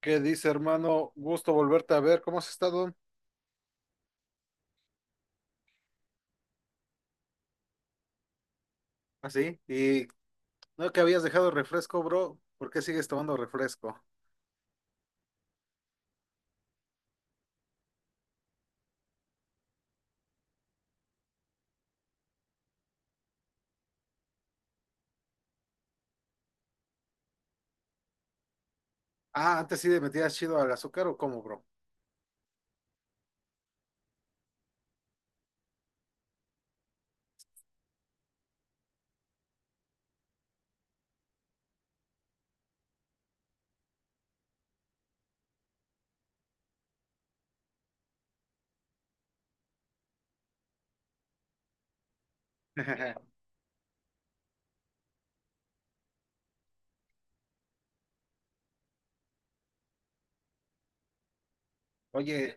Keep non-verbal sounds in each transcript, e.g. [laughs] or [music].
¿Qué dice, hermano? Gusto volverte a ver. ¿Cómo has estado? Así. Y no que habías dejado el refresco, bro. ¿Por qué sigues tomando refresco? Ah, antes sí le metías chido al azúcar o cómo, bro. [laughs] Oye,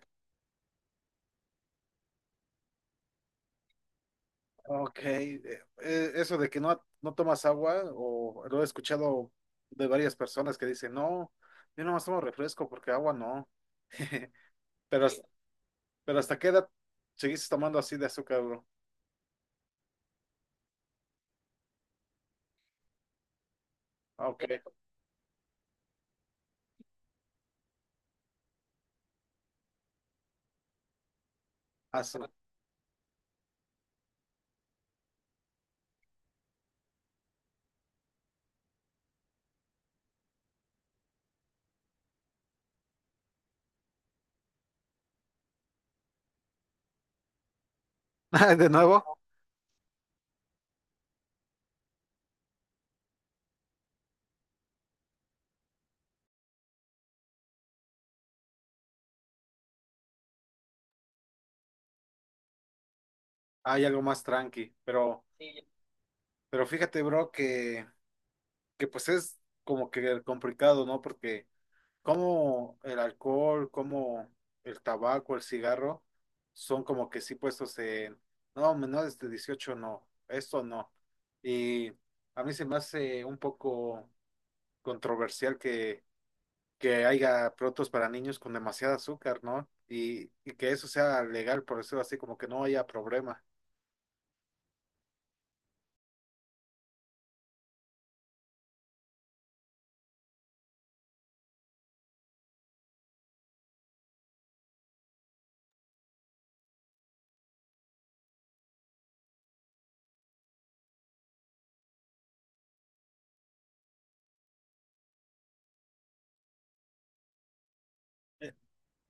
ok. Eso de que no tomas agua, o lo he escuchado de varias personas que dicen, no, yo nomás tomo refresco porque agua no. [laughs] Pero, pero ¿hasta qué edad seguiste tomando así de azúcar, bro? Ah, ok. Azúcar. [laughs] De nuevo, hay algo más tranqui, pero. Pero fíjate, bro, que pues es como que complicado, ¿no? Porque como el alcohol, como el tabaco, el cigarro, son como que sí puestos en, no, menores de 18 no, esto no. Y a mí se me hace un poco controversial que haya productos para niños con demasiada azúcar, ¿no? Y que eso sea legal, por eso así como que no haya problema.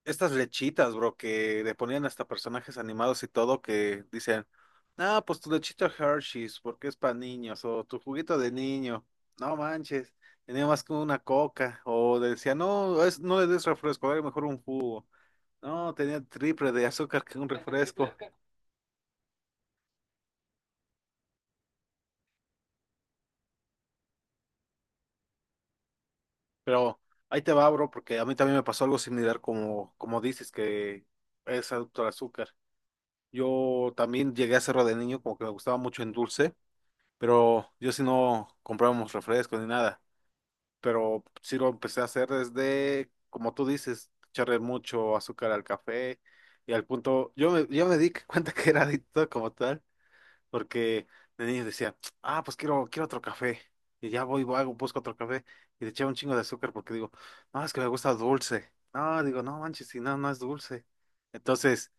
Estas lechitas, bro, que le ponían hasta personajes animados y todo, que dicen, ah, pues tu lechita Hershey's, porque es para niños, o tu juguito de niño, no manches, tenía más que una coca, o decía, no, es, no le des refresco, dale mejor un jugo, no, tenía triple de azúcar que un refresco, pero ahí te va, bro, porque a mí también me pasó algo similar como, como dices, que es adicto al azúcar. Yo también llegué a hacerlo de niño, como que me gustaba mucho en dulce. Pero yo sí no comprábamos refrescos ni nada, pero sí lo empecé a hacer desde, como tú dices, echarle mucho azúcar al café y al punto, yo me di [laughs] cuenta que era adicto como tal porque de niño decía, ah, pues quiero otro café. Y ya voy, busco otro café y le echaba un chingo de azúcar porque digo, no, es que me gusta dulce. No, digo, no manches, si no, no es dulce. Entonces,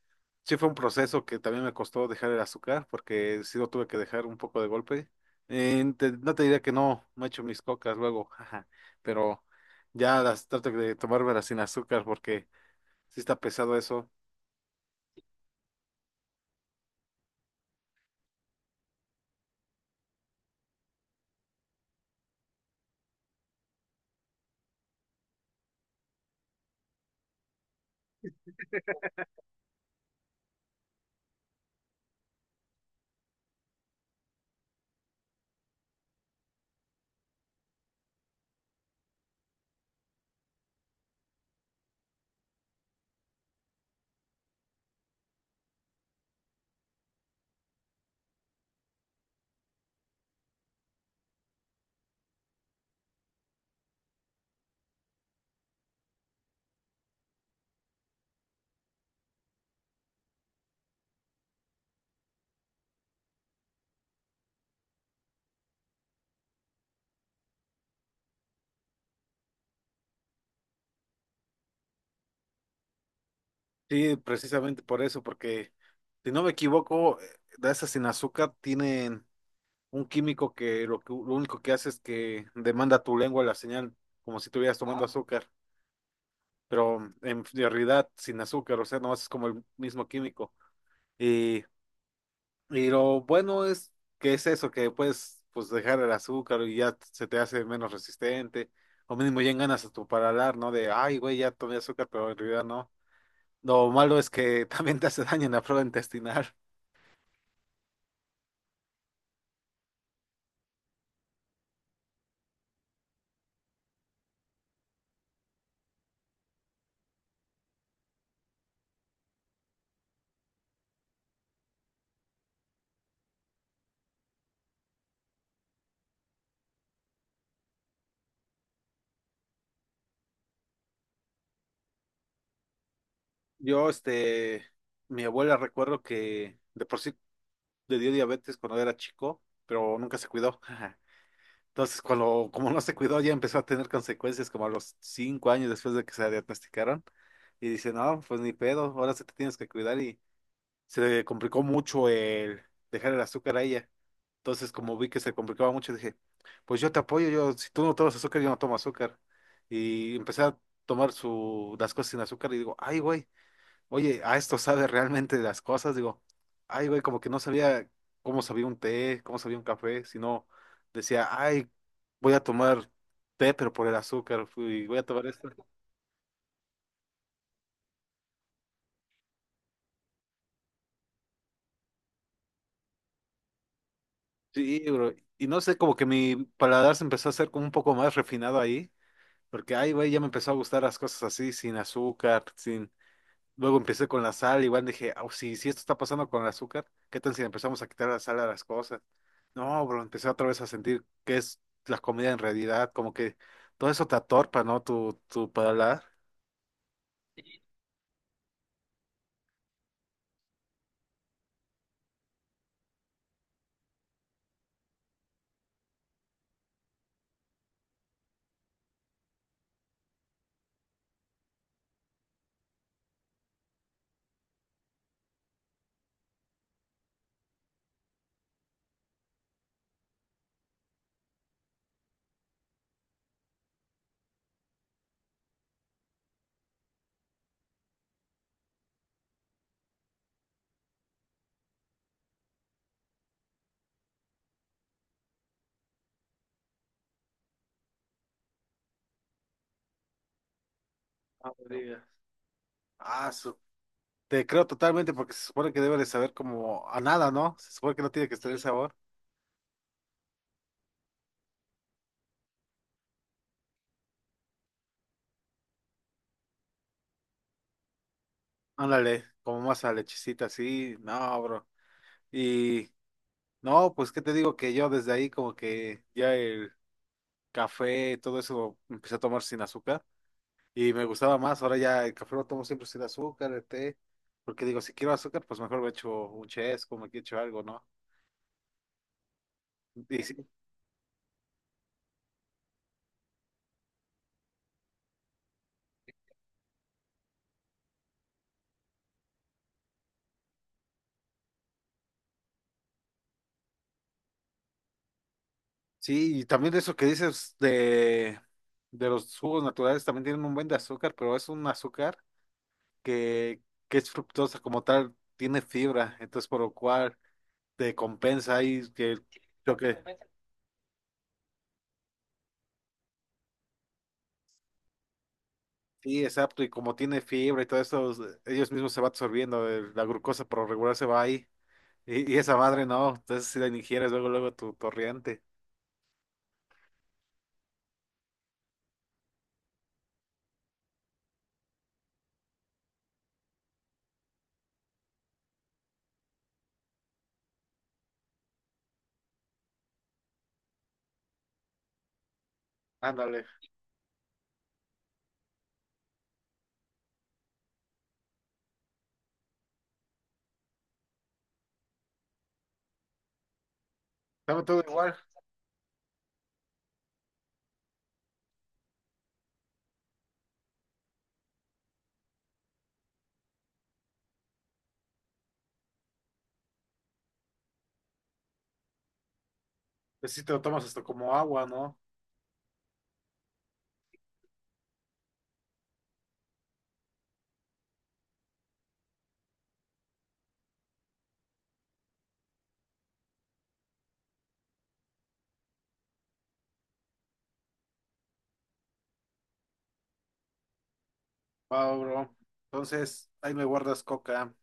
sí fue un proceso que también me costó dejar el azúcar porque sí lo tuve que dejar un poco de golpe. No te diría que no he hecho mis cocas luego, [laughs] jaja, pero ya las trato de tomármelas sin azúcar porque sí está pesado eso. Sí, precisamente por eso, porque si no me equivoco, de esas sin azúcar tienen un químico que lo único que hace es que demanda a tu lengua la señal, como si estuvieras tomando azúcar, pero en realidad sin azúcar, o sea, no es como el mismo químico. Y, y lo bueno es que es eso, que puedes pues dejar el azúcar y ya se te hace menos resistente, o mínimo ya ganas a tu paladar, ¿no? De, ay, güey, ya tomé azúcar, pero en realidad no. Lo malo es que [laughs] también te hace daño en la flora intestinal. Yo, este, mi abuela recuerdo que de por sí le dio diabetes cuando era chico, pero nunca se cuidó. [laughs] Entonces, cuando, como no se cuidó, ya empezó a tener consecuencias como a los 5 años después de que se la diagnosticaron. Y dice, no, pues ni pedo, ahora se te tienes que cuidar. Y se le complicó mucho el dejar el azúcar a ella. Entonces, como vi que se complicaba mucho, dije, pues yo te apoyo, yo, si tú no tomas azúcar, yo no tomo azúcar. Y empecé a tomar su, las cosas sin azúcar y digo, ay, güey. Oye, a esto sabe realmente de las cosas, digo, ay, güey, como que no sabía cómo sabía un té, cómo sabía un café, sino decía, ay, voy a tomar té, pero por el azúcar, y voy a tomar esto. Sí, bro, y no sé, como que mi paladar se empezó a hacer como un poco más refinado ahí, porque, ay, güey, ya me empezó a gustar las cosas así, sin azúcar, sin... Luego empecé con la sal, igual dije, "Au, si, si esto está pasando con el azúcar, ¿qué tal si le empezamos a quitar la sal a las cosas? No, bro, empecé otra vez a sentir que es la comida en realidad, como que todo eso te atorpa, ¿no? Tu paladar. Ah, no digas. Ah, su- Te creo totalmente porque se supone que debe de saber como a nada, ¿no? Se supone que no tiene que tener sabor. Ándale, como más a lechecita, así, no, bro. Y no, pues qué te digo que yo desde ahí como que ya el café, todo eso empecé a tomar sin azúcar. Y me gustaba más, ahora ya el café lo tomo siempre sin azúcar, el té, porque digo, si quiero azúcar, pues mejor me echo un chesco, me echo algo, ¿no? Y sí, y también eso que dices de los jugos naturales, también tienen un buen de azúcar, pero es un azúcar que, que es fructosa como tal, tiene fibra, entonces por lo cual te compensa ahí que lo que... Sí, exacto, y como tiene fibra y todo eso, ellos mismos se va absorbiendo, la glucosa por lo regular se va ahí. Y esa madre no, entonces si la ingieres luego, luego tu torriente. Ándale, dame todo igual, pues si te lo tomas esto como agua, ¿no? Va, bro. Entonces, ahí me guardas coca.